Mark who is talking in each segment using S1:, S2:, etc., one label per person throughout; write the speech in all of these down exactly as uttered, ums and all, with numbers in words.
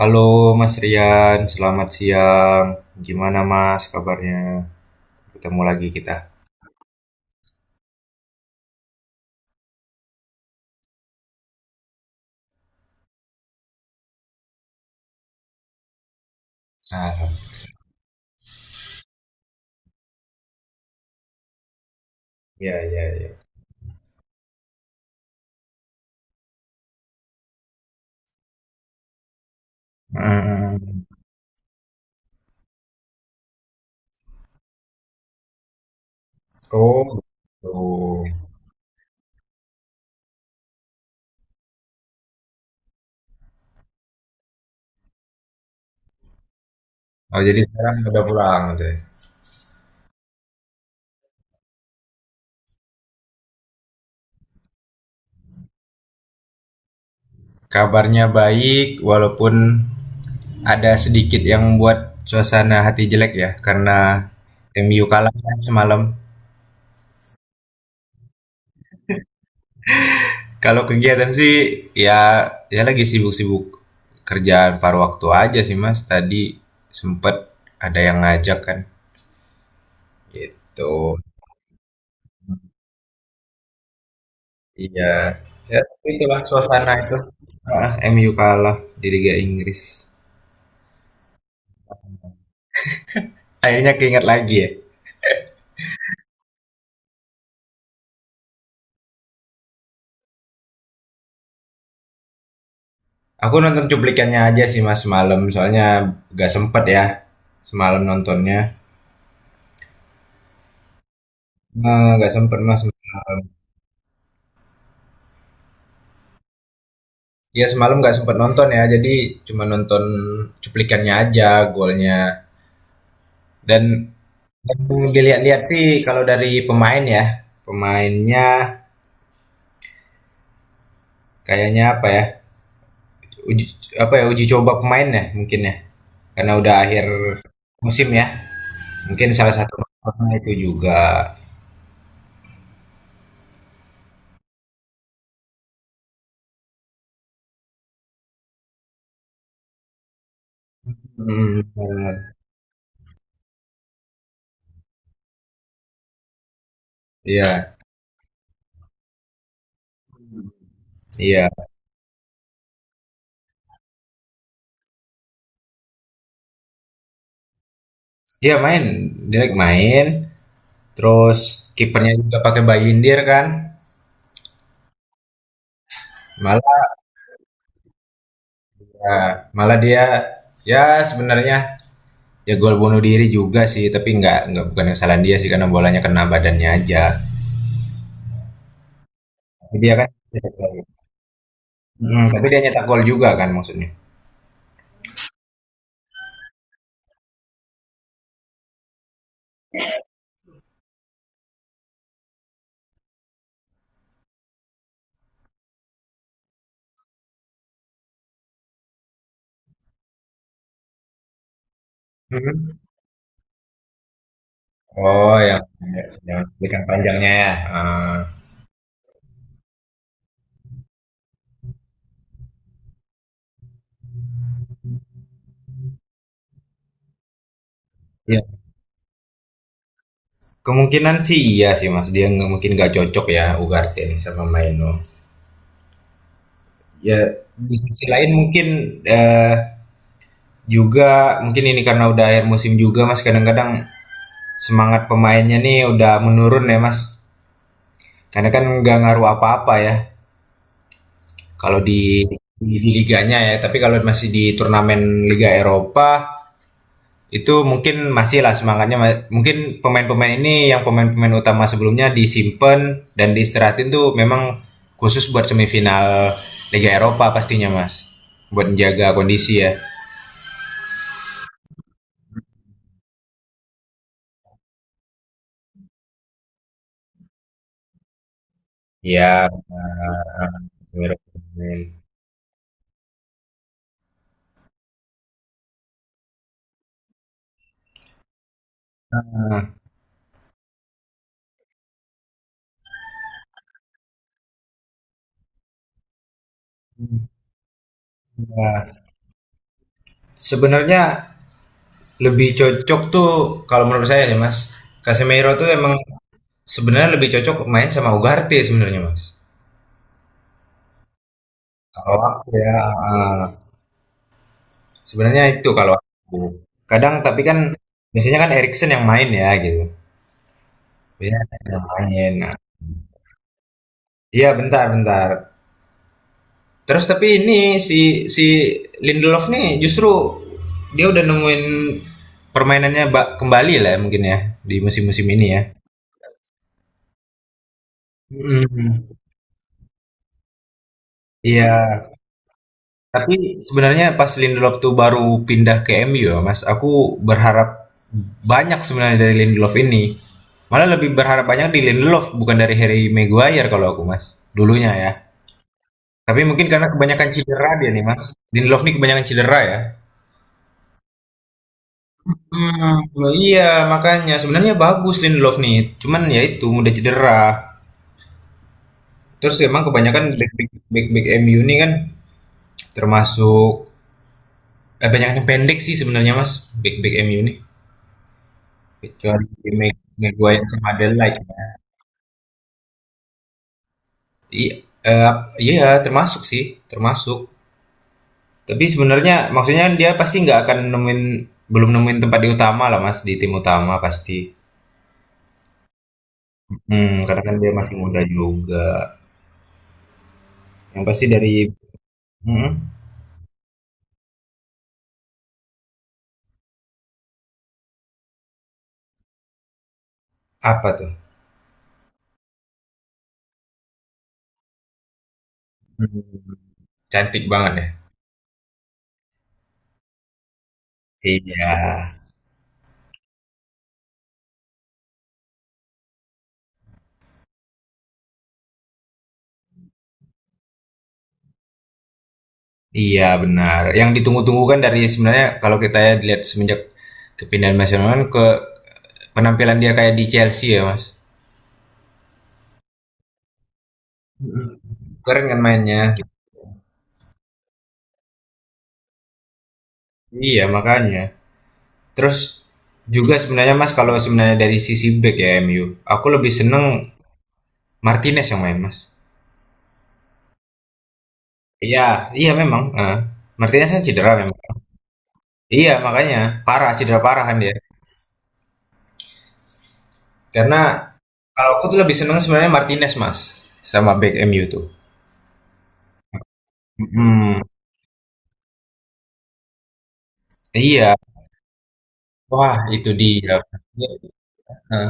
S1: Halo Mas Rian, selamat siang. Gimana Mas kabarnya? Ketemu lagi kita. Alhamdulillah. Ya, ya, ya. Hmm. Oh, gitu. Oh, jadi sekarang udah pulang gitu ya. Kabarnya baik, walaupun ada sedikit yang membuat suasana hati jelek ya, karena M U kalah kan semalam. Kalau kegiatan sih, ya, ya lagi sibuk-sibuk kerjaan paruh waktu aja sih Mas. Tadi sempet ada yang ngajak kan. Gitu. Iya. Ya, tapi itulah suasana itu. Heeh, M U kalah di Liga Inggris. Akhirnya keinget lagi ya. Aku nonton cuplikannya aja sih mas semalam, soalnya gak sempet ya semalam nontonnya. Eh, Gak sempet mas semalam. Ya semalam gak sempet nonton ya, jadi cuma nonton cuplikannya aja golnya. Dan yang dilihat-lihat sih kalau dari pemain ya, pemainnya kayaknya apa ya? Uji, apa ya uji coba pemain ya mungkin ya. Karena udah akhir musim ya. Mungkin salah satu faktornya itu juga. Hmm, bener. Iya, iya. Iya main, Dirk main. Terus kipernya juga pakai Bayindir kan. Malah ya, malah dia ya sebenarnya ya gol bunuh diri juga sih, tapi nggak nggak bukan kesalahan dia sih karena bolanya kena badannya aja. Tapi dia kan cetak gol. Mm, tapi dia nyetak gol juga kan maksudnya. Mhm. Oh, yang yang berikan panjangnya ya. Ah. Kemungkinan sih iya sih Mas, dia nggak mungkin nggak cocok ya Ugarte nih sama Maino. Ya di sisi lain mungkin eh, juga mungkin ini karena udah akhir musim juga Mas, kadang-kadang semangat pemainnya nih udah menurun ya Mas. Karena kan nggak ngaruh apa-apa ya kalau di, di di liganya ya, tapi kalau masih di turnamen Liga Eropa itu mungkin masih lah semangatnya, mungkin pemain-pemain ini yang pemain-pemain utama sebelumnya disimpan dan diistirahatin tuh memang khusus buat semifinal Liga Eropa pastinya mas buat menjaga kondisi ya. Iya, benar. Nah, sebenarnya lebih cocok tuh kalau menurut saya ya Mas. Casemiro tuh emang sebenarnya lebih cocok main sama Ugarte sebenarnya Mas. Kalau aku ya. Sebenarnya itu kalau aku. Kadang tapi kan biasanya kan Erikson yang main ya gitu. Biasanya Erikson yang main. Nah, iya bentar bentar. Terus tapi ini si si Lindelof nih justru dia udah nemuin permainannya ba- kembali lah ya mungkin ya di musim-musim ini ya. Mm, Iya. Tapi sebenarnya pas Lindelof tuh baru pindah ke M U ya, Mas, aku berharap banyak sebenarnya dari Lindelof ini. Malah lebih berharap banyak di Lindelof bukan dari Harry Maguire kalau aku, Mas. Dulunya ya. Tapi mungkin karena kebanyakan cedera dia nih, Mas. Lindelof nih kebanyakan cedera ya. Hmm, iya makanya sebenarnya bagus Lindelof nih, cuman ya itu mudah cedera. Terus emang kebanyakan back back back, back M U nih kan termasuk eh banyak yang pendek sih sebenarnya Mas, back back M U nih. Kecuali di Meg- Maguire sama Adelaide ya. I- eh, iya, termasuk sih, termasuk. Tapi sebenarnya maksudnya dia pasti nggak akan nemuin, belum nemuin tempat di utama lah Mas, di tim utama pasti. Hmm, karena kan dia masih muda juga. Yang pasti dari, hmm, apa tuh? Hmm, cantik banget ya. Iya. Iya benar. Yang ditunggu-tunggu kan dari sebenarnya kalau kita ya lihat semenjak kepindahan Mas Yonan ke penampilan dia kayak di Chelsea ya Mas. Mm-mm. Keren kan mainnya. Iya makanya. Terus juga sebenarnya Mas kalau sebenarnya dari sisi back ya M U, aku lebih seneng Martinez yang main Mas. Iya, iya memang. eh. Martinez kan cedera memang. Iya makanya parah, cedera parah kan dia. Karena kalau aku tuh lebih seneng sebenarnya Martinez Mas sama back M U tuh. Mm, Iya, wah itu dia. Dia, eh,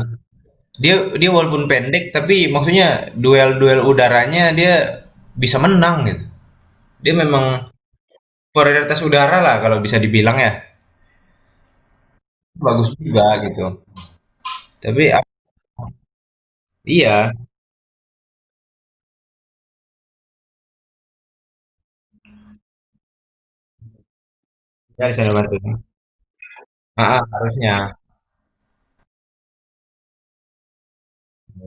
S1: dia dia walaupun pendek tapi maksudnya duel-duel udaranya dia bisa menang gitu. Dia memang prioritas udara lah kalau bisa dibilang ya. Bagus juga gitu. Tapi ap, iya, ya Lisandro Martinez. Ah ah, harusnya.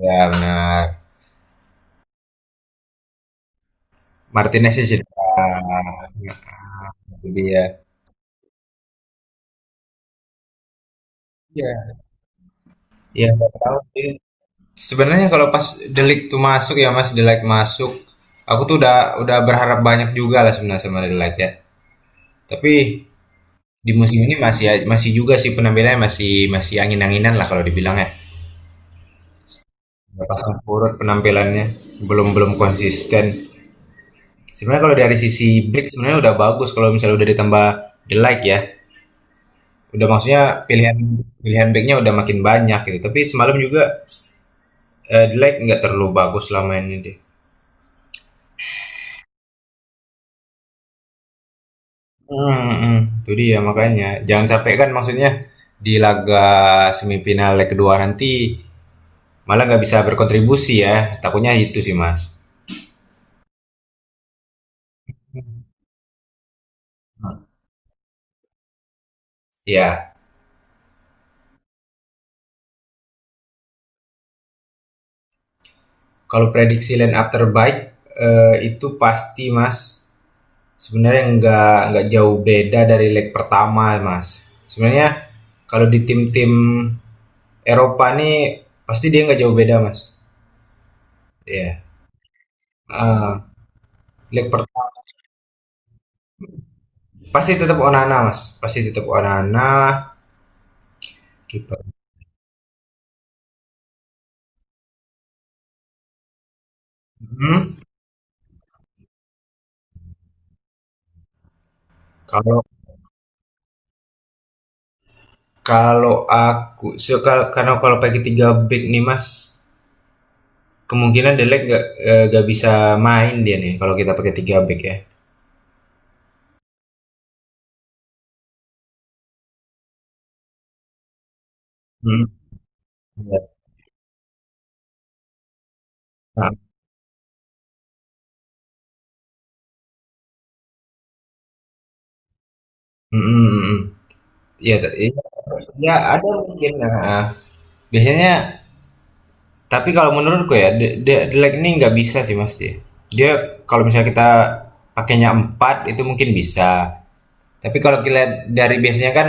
S1: Ya benar. Martinez-nya cedera. Nah, itu dia. Iya. Iya nggak tahu sih. Sebenarnya kalau pas Delik tuh masuk ya Mas, Delik masuk, aku tuh udah udah berharap banyak juga lah sebenarnya sama Delik ya. Tapi di musim ini masih, masih juga sih penampilannya masih masih angin-anginan lah kalau dibilang ya. Nggak pasang surut penampilannya, belum belum konsisten. Sebenarnya kalau dari sisi back sebenarnya udah bagus kalau misalnya udah ditambah The Like ya. Udah maksudnya pilihan pilihan backnya udah makin banyak gitu. Tapi semalam juga eh, The Like nggak terlalu bagus lah mainnya deh. Hmm, hmm. Itu dia makanya. Jangan sampai kan maksudnya di laga semifinal leg kedua nanti malah nggak bisa berkontribusi ya. Takutnya itu sih mas. Hmm. Ya, kalau prediksi line up terbaik eh, itu pasti mas. Sebenarnya nggak nggak jauh beda dari leg pertama, Mas. Sebenarnya kalau di tim-tim Eropa nih pasti dia nggak jauh beda, Mas. Iya. Ah, leg pertama pasti tetap Onana, Mas. Pasti tetap Onana kiper. Hmm. Kalau kalau aku so, kal- karena kalau pakai tiga back nih, Mas, kemungkinan Delek nggak, eh, nggak bisa main dia nih kalau kita pakai tiga back ya. Hmm. Iya. Nah, mm, mm, mm, mm. Iya da iya iya ada mungkin, heeh. Biasanya tapi kalau menurutku ya the the the lag ini nggak bisa sih, Mas, dia. Dia kalau misalnya kita pakainya empat, itu mungkin bisa. Tapi kalau dilihat dari biasanya kan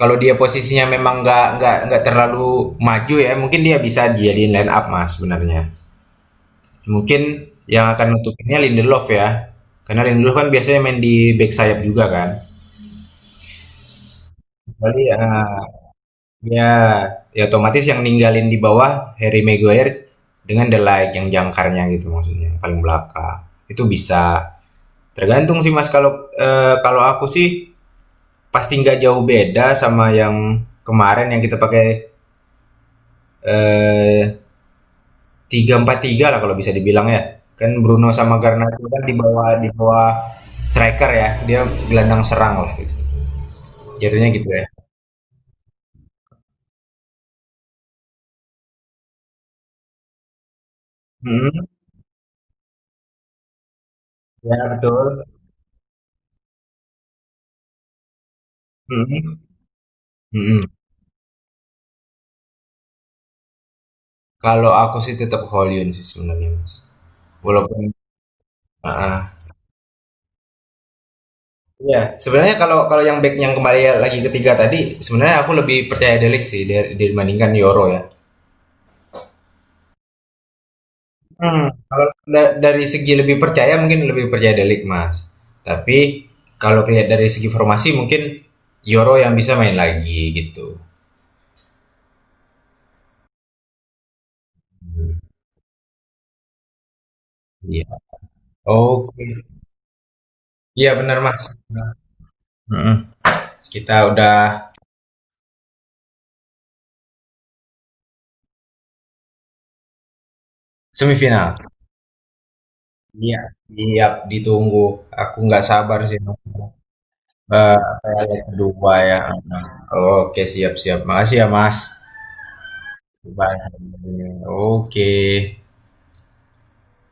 S1: kalau dia posisinya memang nggak nggak nggak terlalu maju ya, mungkin dia bisa dijadiin line up, Mas, sebenarnya. Mungkin yang akan nutupinnya Lindelof ya, karena Lindelof kan biasanya main di bek sayap juga kan. Kecuali heeh. Ya, ya otomatis yang ninggalin di bawah Harry Maguire dengan The Ligt yang jangkarnya gitu maksudnya, yang paling belakang. Itu bisa. Tergantung sih Mas kalau eh, kalau aku sih pasti nggak jauh beda sama yang kemarin yang kita pakai eh tiga empat tiga lah kalau bisa dibilang ya. Kan Bruno sama Garnacho kan di bawah di bawah striker ya. Dia gelandang serang lah gitu. Jadinya gitu ya. Hmm, ya betul. Hmm, hmm. Kalau aku sih tetap Hollywood sih sebenarnya, Mas. Walaupun heeh. Iya, sebenarnya kalau kalau yang back yang kembali lagi ketiga tadi, sebenarnya aku lebih percaya Delik sih dari dibandingkan Yoro ya. Hmm, kalau da- dari segi lebih percaya mungkin lebih percaya Delik, Mas. Tapi kalau lihat dari segi formasi mungkin Yoro yang bisa main lagi gitu. Hmm, Iya. Oke. Iya benar, Mas. Heeh. Kita udah semifinal. Iya, siap ditunggu. Aku nggak sabar sih. Eee, apa ya, leg kedua ya. Oke, siap siap. Makasih ya, Mas. Bye. Oke.